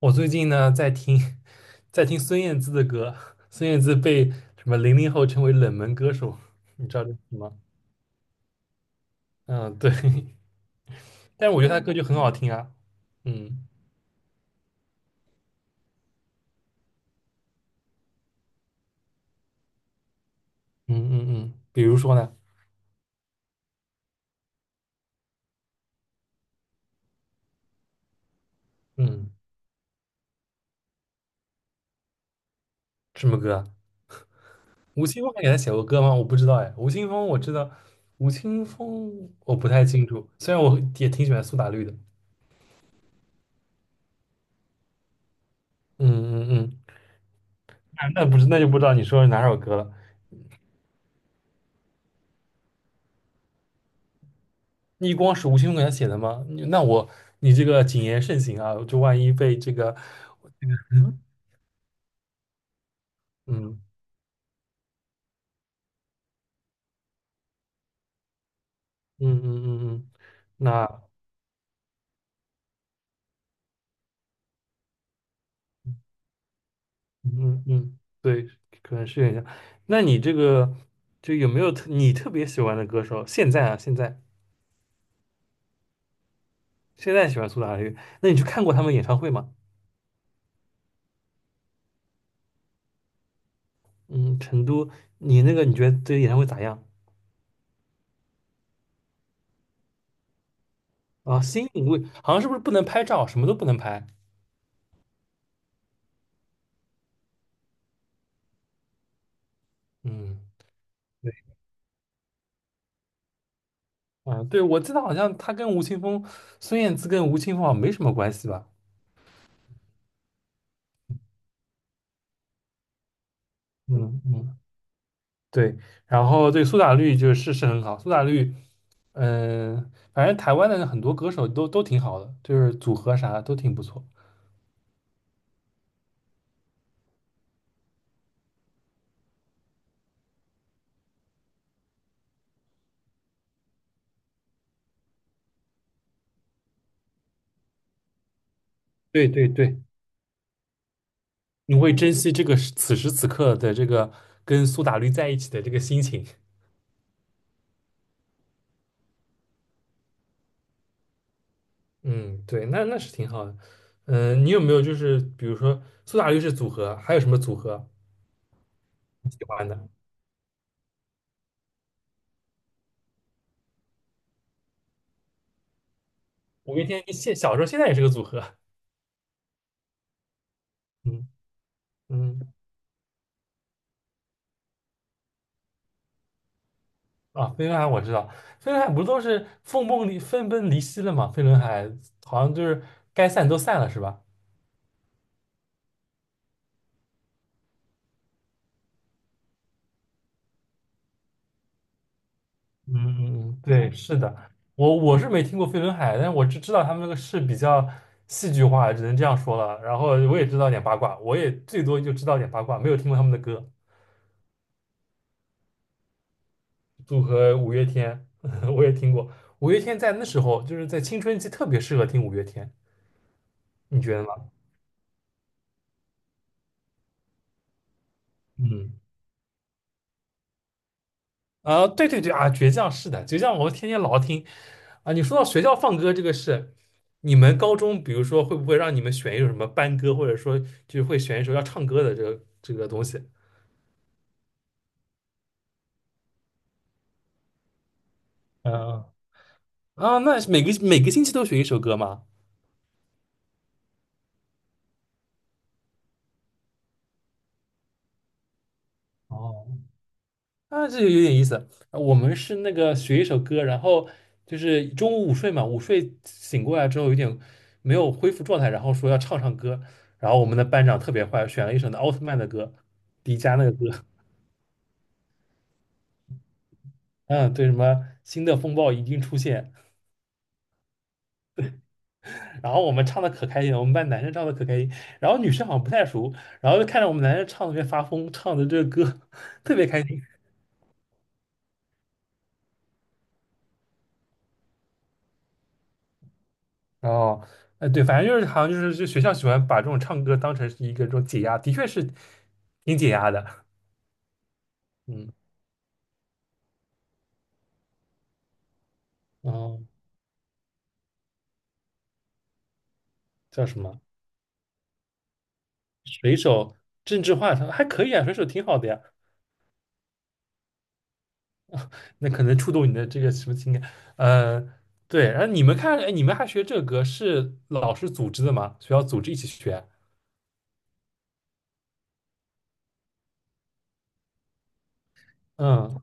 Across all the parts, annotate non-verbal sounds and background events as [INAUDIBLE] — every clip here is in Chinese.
我最近呢在听，[LAUGHS] 在听孙燕姿的歌，[LAUGHS] 孙燕姿被什么零零后称为冷门歌手，你知道这是什么？嗯，对，[LAUGHS] 但是我觉得她歌就很好听啊。嗯嗯，比如说呢？嗯，什么歌啊？吴青峰还给她写过歌吗？我不知道哎，吴青峰我知道，吴青峰我不太清楚，虽然我也挺喜欢苏打绿的。嗯嗯嗯，那不是，那就不知道你说是哪首歌了。逆光是吴青峰给他写的吗？你那我你这个谨言慎行啊，就万一被这个，嗯嗯嗯嗯嗯，那，嗯嗯嗯，对，可能是有点像。那你这个，就有没有特别喜欢的歌手？现在啊，现在，现在喜欢苏打绿。那你去看过他们演唱会吗？嗯，成都。你那个，你觉得这个演唱会咋样？啊？新颖，味好像是不是不能拍照，什么都不能拍？嗯。对。啊，对，我记得好像他跟吴青峰、孙燕姿跟吴青峰好像没什么关系吧？嗯嗯，对。然后对苏打绿就是是很好，苏打绿，嗯、反正台湾的很多歌手都挺好的，就是组合啥的都挺不错。对对对，你会珍惜这个时，此时此刻的这个跟苏打绿在一起的这个心情。嗯，对，那那是挺好的。嗯、你有没有就是比如说苏打绿是组合，还有什么组合你喜欢的？五月天现，小时候现在也是个组合。嗯嗯。啊，飞轮海我知道。飞轮海不是都是分崩离析了吗？飞轮海好像就是该散都散了，是吧？嗯嗯，嗯，对，是的。我，是没听过飞轮海，但是我只知道他们那个是比较戏剧化，只能这样说了。然后我也知道点八卦，我也最多就知道点八卦，没有听过他们的歌。组合五月天，[LAUGHS] 我也听过。五月天在那时候就是在青春期特别适合听五月天，你觉得吗？嗯，啊，对对对啊，倔强，是的，倔强我天天老听啊。你说到学校放歌这个事，你们高中比如说会不会让你们选一首什么班歌，或者说就是会选一首要唱歌的这个东西？嗯，啊，那是每个星期都学一首歌吗？哦，那这就有点意思。我们是那个学一首歌，然后就是中午午睡嘛，午睡醒过来之后有点没有恢复状态，然后说要唱歌，然后我们的班长特别坏，选了一首那奥特曼的歌，迪迦那个歌。嗯，对，什么新的风暴一定出现，然后我们唱的可开心了，我们班男生唱的可开心，然后女生好像不太熟，然后就看着我们男生唱的特别发疯，唱的这个歌 [LAUGHS] 特别开心。哦，后，对，反正就是好像就是就学校喜欢把这种唱歌当成是一个这种解压，的确是挺解压的。嗯，哦，叫什么？水手，郑智化唱还可以啊，水手挺好的呀。那可能触动你的这个什么情感？呃，对。然后你们看，哎，你们还学这个歌是老师组织的吗？学校组织一起学？嗯，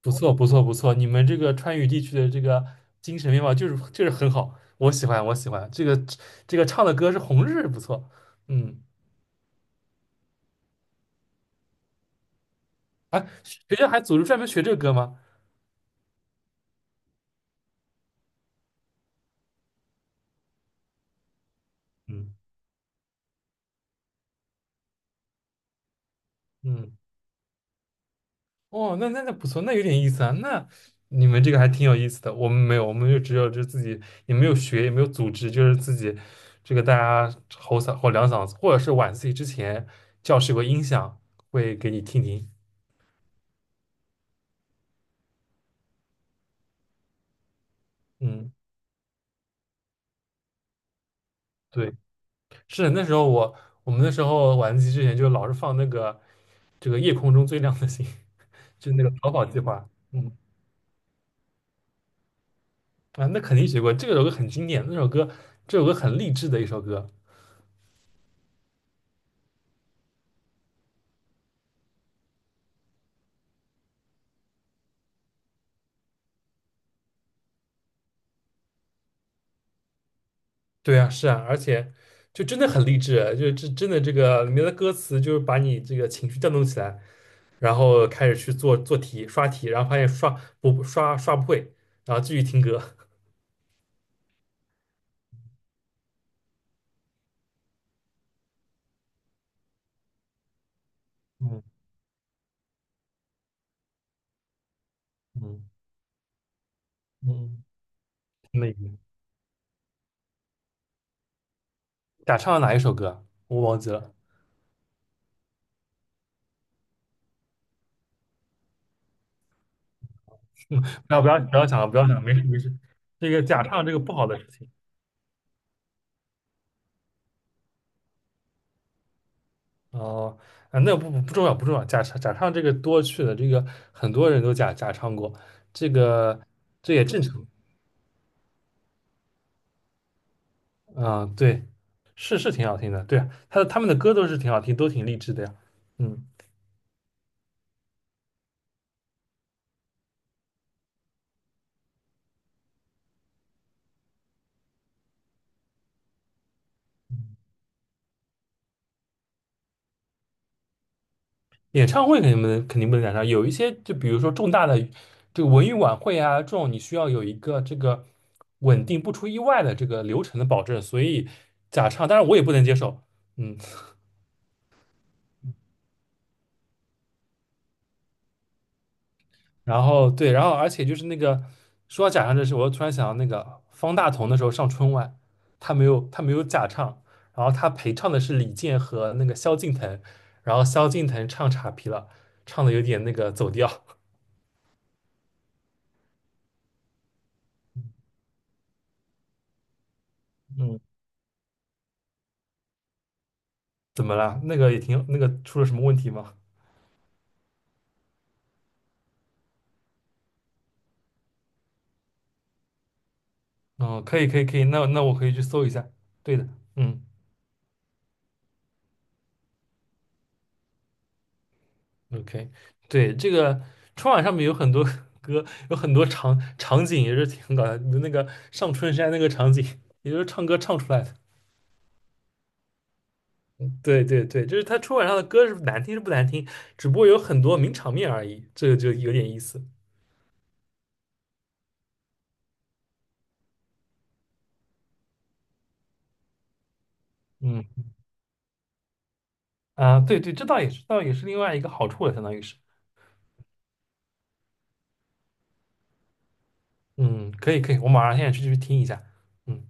不错，不错，不错。你们这个川渝地区的这个精神面貌就是就是很好，我喜欢，我喜欢。这个这个唱的歌是《红日》，不错。嗯，哎，学校还组织专门学这个歌吗？嗯嗯。哦，那那不错，那有点意思啊。那你们这个还挺有意思的，我们没有，我们就只有就自己也没有学，也没有组织，就是自己这个大家吼嗓，吼两嗓子，或者是晚自习之前教室有个音响会给你听听。嗯，对，是那时候，我们那时候晚自习之前就老是放那个这个夜空中最亮的星，就那个逃跑计划。嗯，啊，那肯定学过，这个首歌很经典，那首歌，这首歌很励志的一首歌。对啊，是啊，而且就真的很励志啊，就是这真的这个里面的歌词，就是把你这个情绪调动起来，然后开始去做做题、刷题，然后发现刷，刷不会，然后继续听歌。[LAUGHS] 嗯嗯嗯，那个假唱的哪一首歌啊？我忘记了。[LAUGHS] 不要不要不要想了，不要想了，没事没事。这个假唱这个不好的事情。哦，啊，那不不不重要，不重要。假唱，假唱这个多去了，这个很多人都假唱过，这个，这也正常。嗯，对，是是挺好听的，对啊，他他们的歌都是挺好听，都挺励志的呀。嗯，演唱会肯定不能，肯定不能赶上，有一些就比如说重大的这个文艺晚会啊，这种你需要有一个这个稳定不出意外的这个流程的保证，所以假唱，当然我也不能接受。嗯。然后对，然后而且就是那个，说到假唱这事，我又突然想到那个方大同的时候上春晚，他没有，没有假唱，然后他陪唱的是李健和那个萧敬腾，然后萧敬腾唱岔劈了，唱的有点那个走调，嗯，怎么了？那个也挺那个，出了什么问题吗？嗯，可以可以可以，那那我可以去搜一下。对的，嗯。OK,对，这个春晚上面有很多 [LAUGHS] 歌，有很多场景也是挺搞笑的。那个上春山那个场景，也就是唱歌唱出来的。对对对，就是他春晚上的歌是难听是不难听，只不过有很多名场面而已，这个就有点意思。嗯，啊，对对，这倒也是，倒也是另外一个好处了，相当于是。嗯，可以可以，我马上现在去去听一下。嗯。